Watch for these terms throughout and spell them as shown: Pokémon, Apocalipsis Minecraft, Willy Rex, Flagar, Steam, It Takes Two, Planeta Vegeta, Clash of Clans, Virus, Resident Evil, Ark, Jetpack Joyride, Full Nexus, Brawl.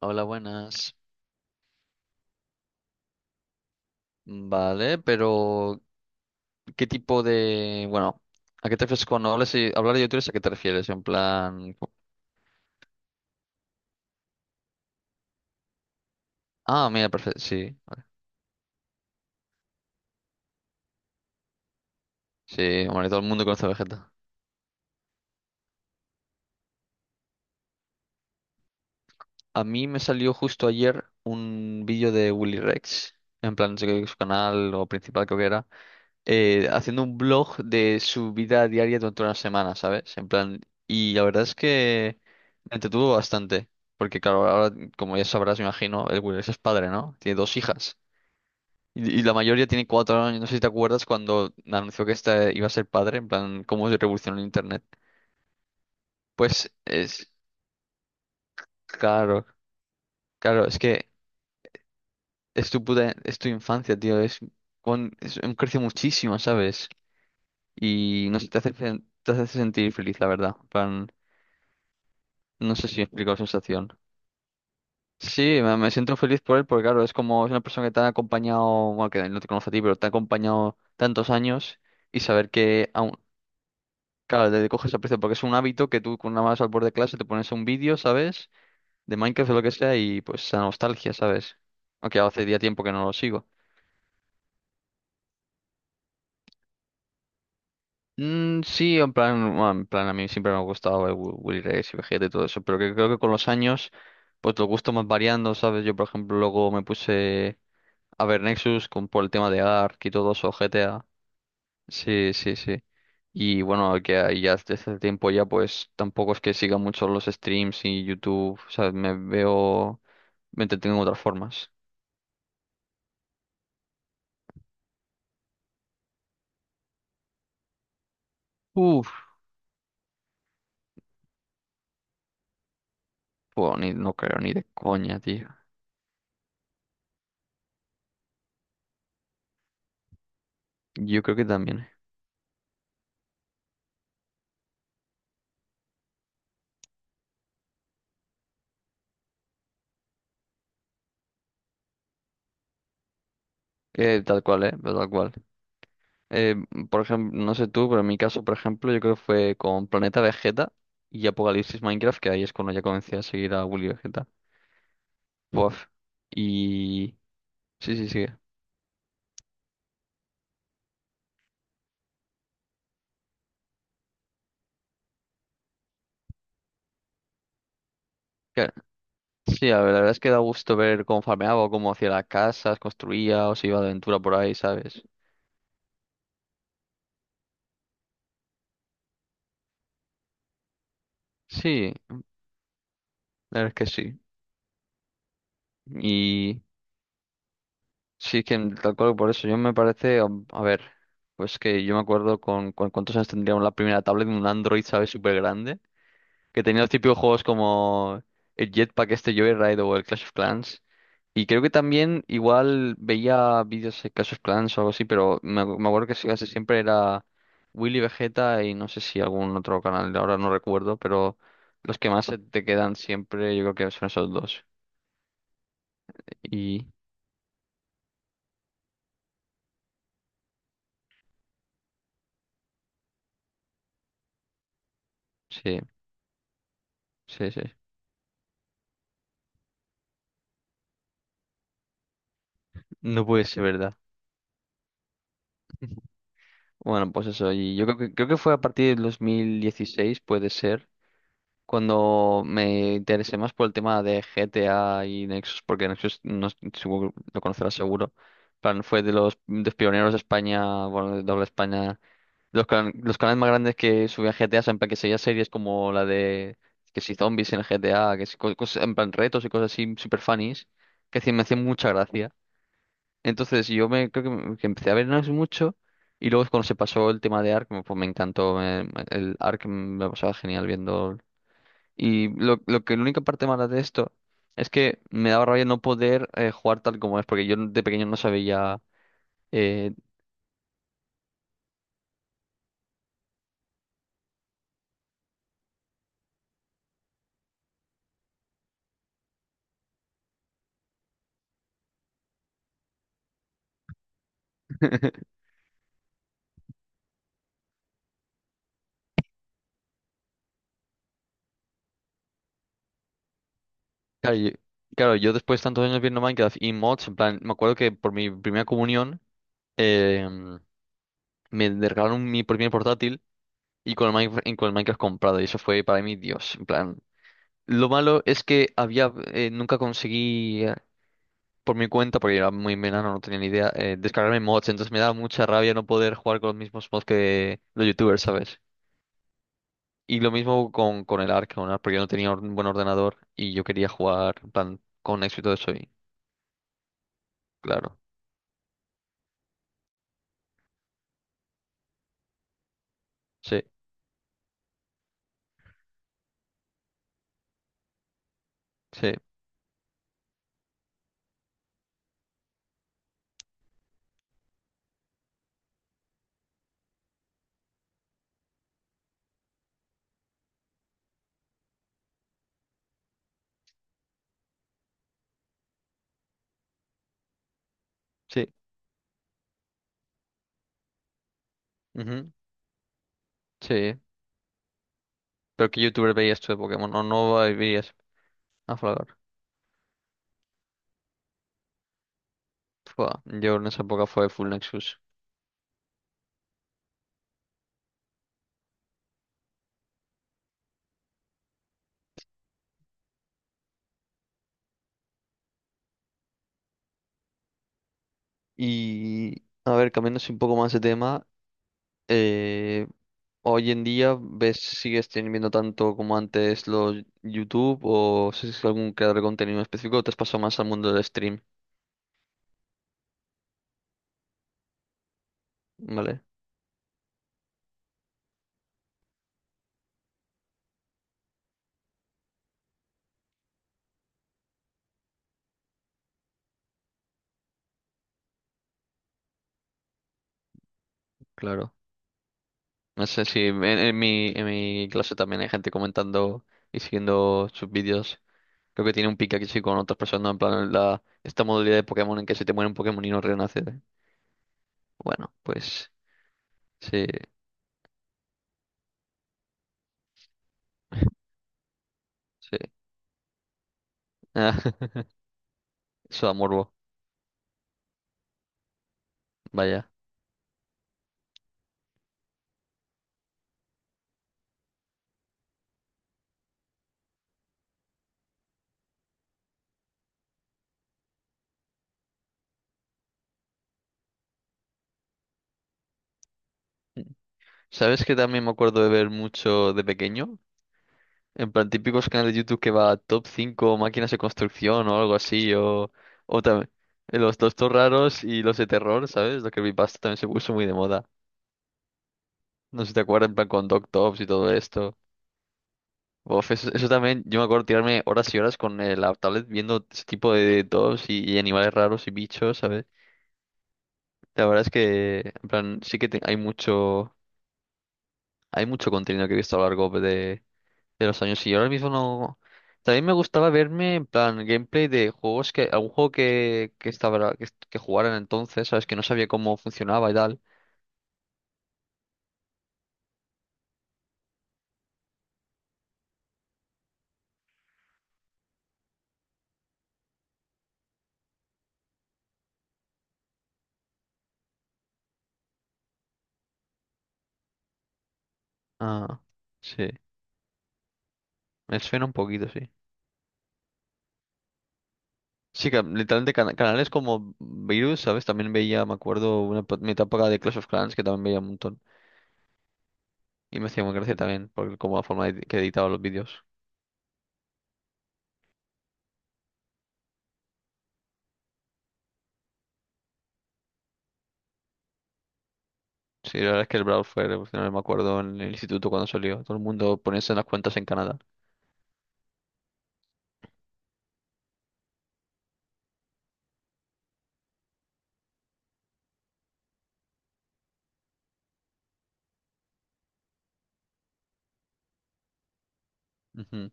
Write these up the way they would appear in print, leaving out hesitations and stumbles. Hola, buenas. Vale, pero ¿qué tipo de... ¿a qué te refieres cuando hablas y hablar de youtubers? ¿A qué te refieres? En plan... Ah, mira, perfecto. Sí, vale. Sí, hombre, todo el mundo conoce a Vegeta. A mí me salió justo ayer un vídeo de Willy Rex, en plan su canal o principal creo que era, haciendo un blog de su vida diaria durante una semana, ¿sabes? En plan... Y la verdad es que me entretuvo bastante. Porque claro, ahora, como ya sabrás, me imagino, el Willy Rex es padre, ¿no? Tiene dos hijas. Y la mayoría tiene 4 años. No sé si te acuerdas cuando anunció que esta iba a ser padre, en plan, cómo se revolucionó el internet. Pues es, claro, claro, es que es tu puta, es tu infancia, tío. Es, con, es, crece muchísimo, ¿sabes? Y no sé, te hace, te hace sentir feliz, la verdad. En plan, no sé si explico la sensación. Sí, me siento feliz por él, porque claro, es como es una persona que te ha acompañado, bueno, que no te conoce a ti, pero te ha acompañado tantos años y saber que claro, le coges aprecio porque es un hábito que tú con una más al borde de clase te pones un vídeo, ¿sabes? De Minecraft o lo que sea y pues la nostalgia, ¿sabes? Aunque hace ya tiempo que no lo sigo. Mm, sí, en plan, bueno, en plan a mí siempre me ha gustado Willy Rex y Vegeta y todo eso, pero que creo que con los años pues los gustos más variando, ¿sabes? Yo por ejemplo luego me puse a ver Nexus con, por el tema de Ark y todo eso, GTA. Sí, sí, sí. Y bueno, que ahí ya desde hace tiempo ya pues tampoco es que siga mucho los streams y YouTube, o sea, me veo, me entretengo en otras formas. Uf, pues ni, no creo ni de coña, tío. Yo creo que también. Tal cual, pero tal cual. Eh, por ejemplo, no sé tú, pero en mi caso, por ejemplo, yo creo que fue con Planeta Vegeta y Apocalipsis Minecraft, que ahí es cuando ya comencé a seguir a Willy Vegeta. Buah. Y... Sí, sí, sí. Sí, la verdad es que da gusto ver cómo farmeaba, o cómo hacía las casas, construía o se iba de aventura por ahí, ¿sabes? Sí, la verdad es que sí. Y sí que tal cual por eso yo me parece, a ver, pues que yo me acuerdo con cuántos años tendríamos la primera tablet de un Android, ¿sabes? Súper grande, que tenía los típicos juegos como el Jetpack este Joyride o el Clash of Clans. Y creo que también igual veía vídeos de Clash of Clans o algo así, pero me, me acuerdo que sí, casi siempre era Willy Vegeta y no sé si algún otro canal, ahora no recuerdo, pero los que más se te quedan siempre yo creo que son esos dos. Y sí, sí, sí. No puede ser verdad. Bueno, pues eso, y yo creo que fue a partir del 2016, puede ser, cuando me interesé más por el tema de GTA y Nexus, porque Nexus no, supongo que lo conocerás seguro, plan, fue de los pioneros de España, bueno, de doble España, de los, los canales más grandes que subían GTA, en plan que seguía series como la de que si zombies en el GTA, que si cosas, en plan retos y cosas así super funnies, que decir, me hacían mucha gracia. Entonces yo me creo que, que empecé a ver Nexus mucho y luego es cuando se pasó el tema de Ark, pues me encantó, el Ark me lo pasaba genial viendo y lo que la única parte mala de esto es que me daba rabia no poder jugar tal como es, porque yo de pequeño no sabía. eh, claro, yo, claro, yo después de tantos años viendo Minecraft y mods, en plan, me acuerdo que por mi primera comunión eh, me regalaron mi primer portátil y con el Minecraft comprado, y eso fue para mí Dios. En plan, lo malo es que había nunca conseguí. Por mi cuenta, porque yo era muy menano, no tenía ni idea, descargarme mods. Entonces me daba mucha rabia no poder jugar con los mismos mods que los youtubers, ¿sabes? Y lo mismo con el Ark, porque yo no tenía un buen ordenador y yo quería jugar en plan, con éxito de Soy. Claro. Sí, sí, sí. Ujú, sí. Pero ¿qué youtuber veías tú de Pokémon? No, no veías a Flagar. Fua, yo en esa época fue Full Nexus. Y a ver, cambiando así un poco más de tema, eh, hoy en día, ¿ves, si sigues teniendo tanto como antes los YouTube o si es algún creador de contenido específico o te has pasado más al mundo del stream? ¿Vale? Claro. No sé si en, en mi clase también hay gente comentando y siguiendo sus vídeos. Creo que tiene un pique aquí sí con otras personas, en plan la, esta modalidad de Pokémon en que se te muere un Pokémon y no renace. Bueno, pues sí, sí. Eso da morbo, vaya. ¿Sabes que también me acuerdo de ver mucho de pequeño? En plan, típicos canales de YouTube que va top 5 máquinas de construcción o algo así, o también los tostos raros y los de terror, ¿sabes? Lo que creepypasta también se puso muy de moda. No sé si te acuerdas, en plan con Tops y todo esto. Uf, eso también, yo me acuerdo tirarme horas y horas con la tablet viendo ese tipo de tops y animales raros y bichos, ¿sabes? La verdad es que, en plan, sí que hay mucho contenido que he visto a lo largo de los años y ahora mismo no. También me gustaba verme en plan gameplay de juegos que, algún juego que estaba, que, que jugaran entonces, ¿sabes? Que no sabía cómo funcionaba y tal. Ah, sí. Me suena un poquito, sí. Sí, que literalmente canales como Virus, ¿sabes? También veía, me acuerdo, una mi etapa de Clash of Clans que también veía un montón. Y me hacía muy gracia también, por como la forma que editaba los vídeos. Sí, la verdad es que el Brawl fue revolucionario, me acuerdo en el instituto cuando salió. Todo el mundo poniéndose en las cuentas en Canadá. Ujú.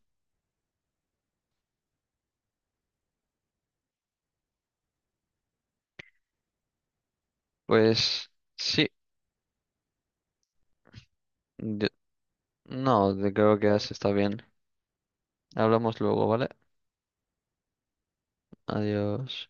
Pues sí, no, creo que ya se está bien. Hablamos luego, ¿vale? Adiós.